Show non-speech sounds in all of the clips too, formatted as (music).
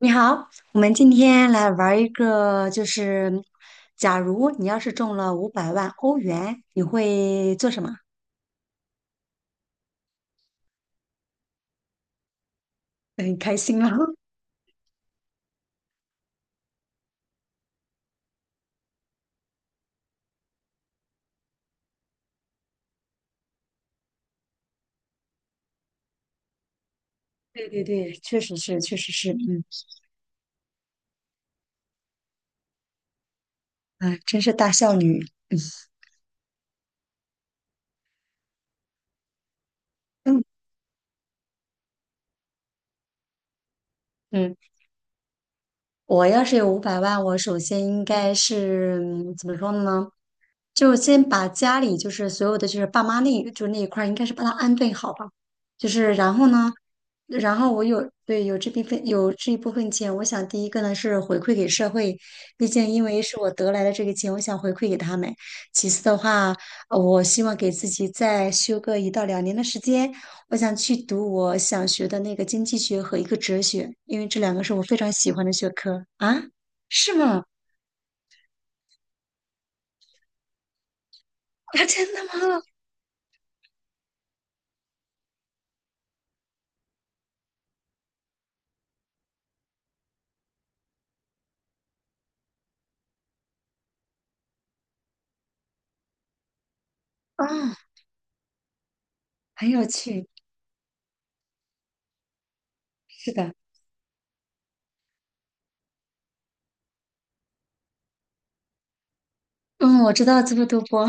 你好，我们今天来玩一个，就是假如你要是中了500万欧元，你会做什么？很开心了。(laughs) 对对对，确实是，确实是，嗯。哎，真是大孝女。嗯嗯，我要是有五百万，我首先应该是怎么说呢？就先把家里就是所有的就是爸妈那一块儿，应该是把它安顿好吧。就是然后呢，然后我有对有这部分有这一部分钱，我想第一个呢是回馈给社会。毕竟因为是我得来的这个钱，我想回馈给他们。其次的话，我希望给自己再休个1到2年的时间，我想去读我想学的那个经济学和一个哲学，因为这两个是我非常喜欢的学科啊。是吗？啊，真的吗？啊，很有趣。是的，嗯，我知道这么多博。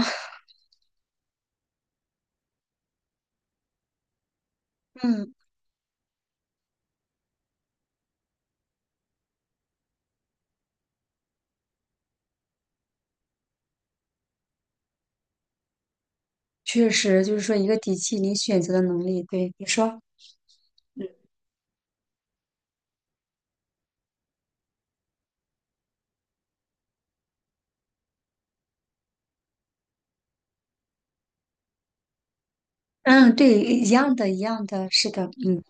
嗯，确实就是说一个底气，你选择的能力。对，你说。嗯，对，一样的，一样的，是的，嗯。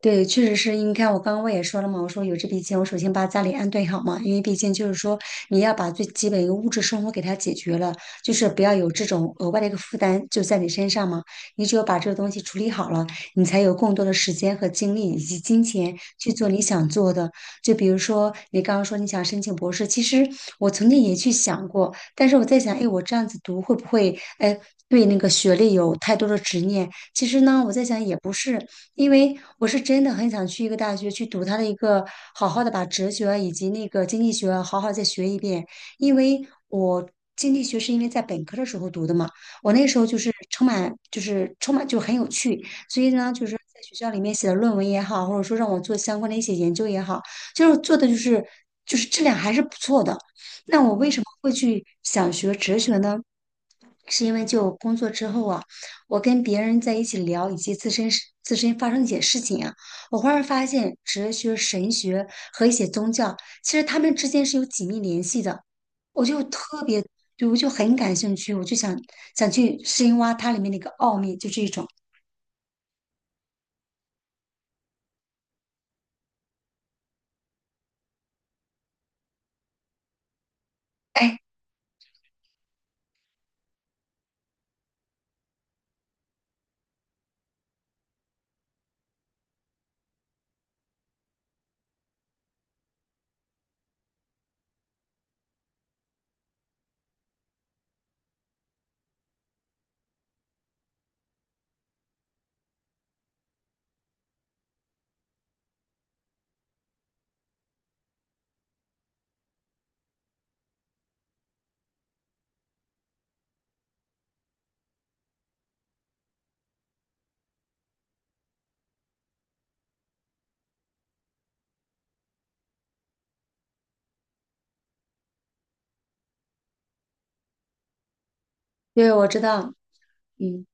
对，确实是因为你看，我刚刚我也说了嘛，我说有这笔钱，我首先把家里安顿好嘛，因为毕竟就是说，你要把最基本一个物质生活给它解决了，就是不要有这种额外的一个负担就在你身上嘛。你只有把这个东西处理好了，你才有更多的时间和精力以及金钱去做你想做的。就比如说你刚刚说你想申请博士，其实我曾经也去想过，但是我在想，哎，我这样子读会不会，哎，对那个学历有太多的执念？其实呢，我在想也不是。因为我是真的很想去一个大学去读它的一个，好好的把哲学啊以及那个经济学啊好好再学一遍。因为我经济学是因为在本科的时候读的嘛，我那时候就是充满就很有趣，所以呢就是在学校里面写的论文也好，或者说让我做相关的一些研究也好，就是做的就是质量还是不错的。那我为什么会去想学哲学呢？是因为就工作之后啊，我跟别人在一起聊以及自身发生一些事情啊，我忽然发现哲学、神学和一些宗教，其实他们之间是有紧密联系的。我就特别，就我就很感兴趣，我就想去深挖它里面的一个奥秘，就这一种。哎，对，我知道，嗯。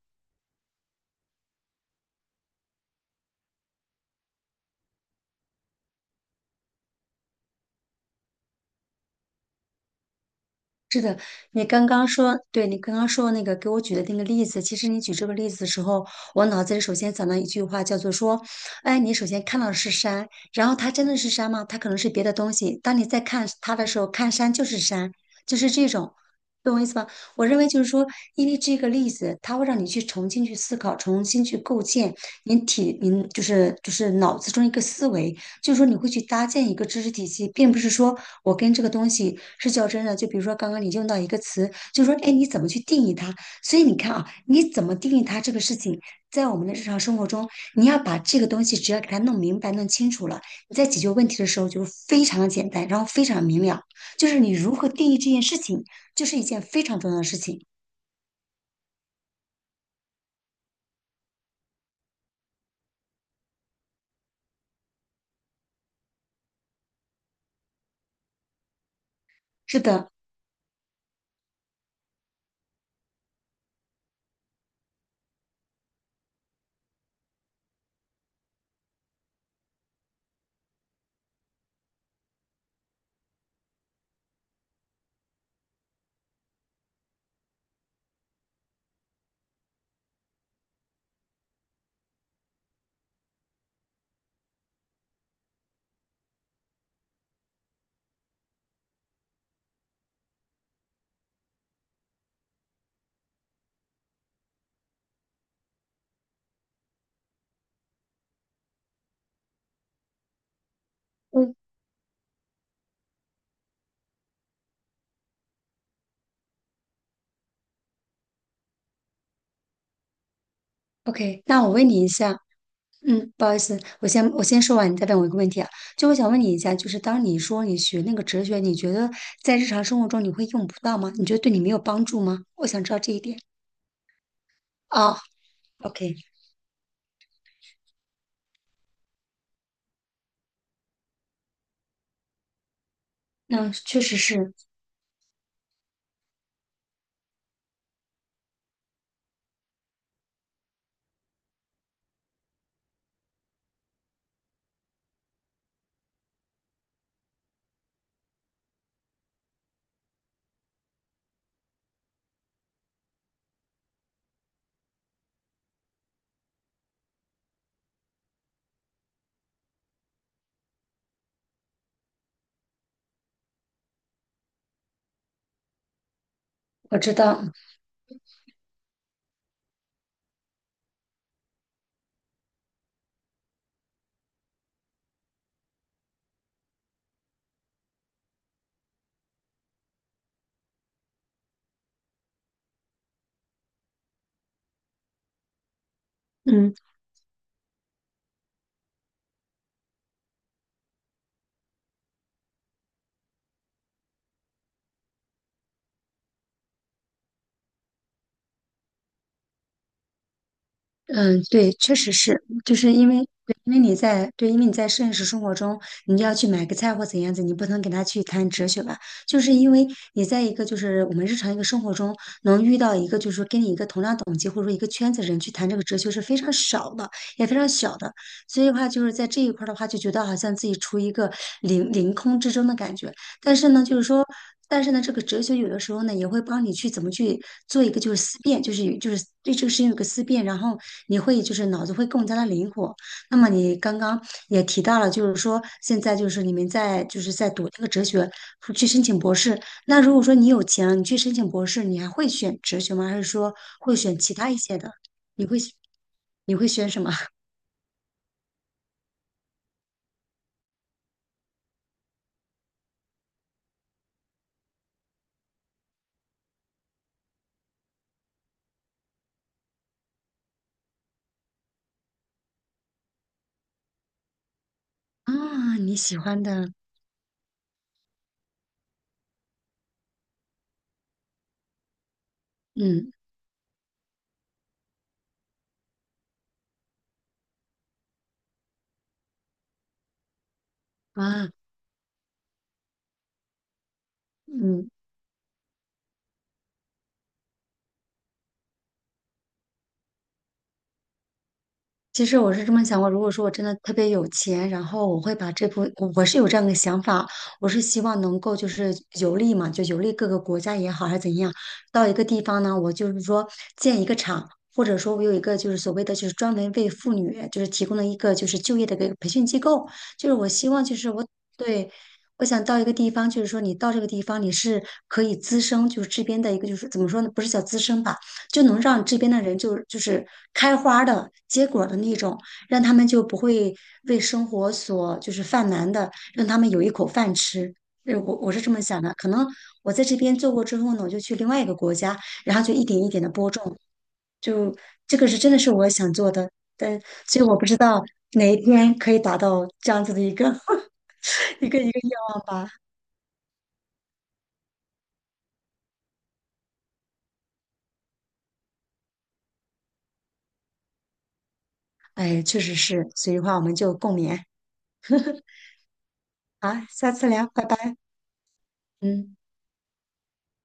是的，你刚刚说，对你刚刚说那个给我举的那个例子，其实你举这个例子的时候，我脑子里首先想到一句话，叫做说，哎，你首先看到的是山，然后它真的是山吗？它可能是别的东西。当你在看它的时候，看山就是山，就是这种，懂我意思吧？我认为就是说，因为这个例子，它会让你去重新去思考，重新去构建你就是脑子中一个思维，就是说你会去搭建一个知识体系，并不是说我跟这个东西是较真的。就比如说刚刚你用到一个词，就说哎，你怎么去定义它？所以你看啊，你怎么定义它这个事情，在我们的日常生活中，你要把这个东西只要给它弄明白、弄清楚了，你在解决问题的时候就是非常的简单，然后非常明了。就是你如何定义这件事情，就是一件非常重要的事情。是的，嗯，OK。那我问你一下，嗯，不好意思，我先说完，你再问我一个问题啊。就我想问你一下，就是当你说你学那个哲学，你觉得在日常生活中你会用不到吗？你觉得对你没有帮助吗？我想知道这一点。啊。o k 那确实是，我知道。嗯，嗯，对，确实是，因为你在现实生活中，你要去买个菜或怎样子，你不能跟他去谈哲学吧，就是因为你在一个就是我们日常一个生活中能遇到一个就是说跟你一个同样等级或者说一个圈子人去谈这个哲学是非常少的，也非常小的，所以的话就是在这一块儿的话，就觉得好像自己处于一个凌空之中的感觉。但是呢，就是说，但是呢，这个哲学有的时候呢，也会帮你去怎么去做一个就是思辨，就是有就是对这个事情有个思辨，然后你会就是脑子会更加的灵活。那么你刚刚也提到了，就是说现在就是你们在就是在读那个哲学，去申请博士。那如果说你有钱了，你去申请博士，你还会选哲学吗？还是说会选其他一些的？你会你会选什么 (laughs) 啊？你喜欢的，嗯啊，嗯。其实我是这么想过，如果说我真的特别有钱，然后我会把这部，我是有这样的想法，我是希望能够就是游历嘛，就游历各个国家也好，还是怎样，到一个地方呢，我就是说建一个厂，或者说我有一个就是所谓的就是专门为妇女就是提供的一个就是就业的一个培训机构，就是我希望就是我对。我想到一个地方，就是说你到这个地方，你是可以滋生，就是这边的一个，就是怎么说呢？不是叫滋生吧，就能让这边的人就是开花的结果的那种，让他们就不会为生活所就是犯难的，让他们有一口饭吃。我是这么想的，可能我在这边做过之后呢，我就去另外一个国家，然后就一点一点的播种，就这个是真的是我想做的，但所以我不知道哪一天可以达到这样子的一个 (laughs) 一个愿望吧。哎，确实是，所以的话我们就共勉啊，下次聊，拜拜，嗯。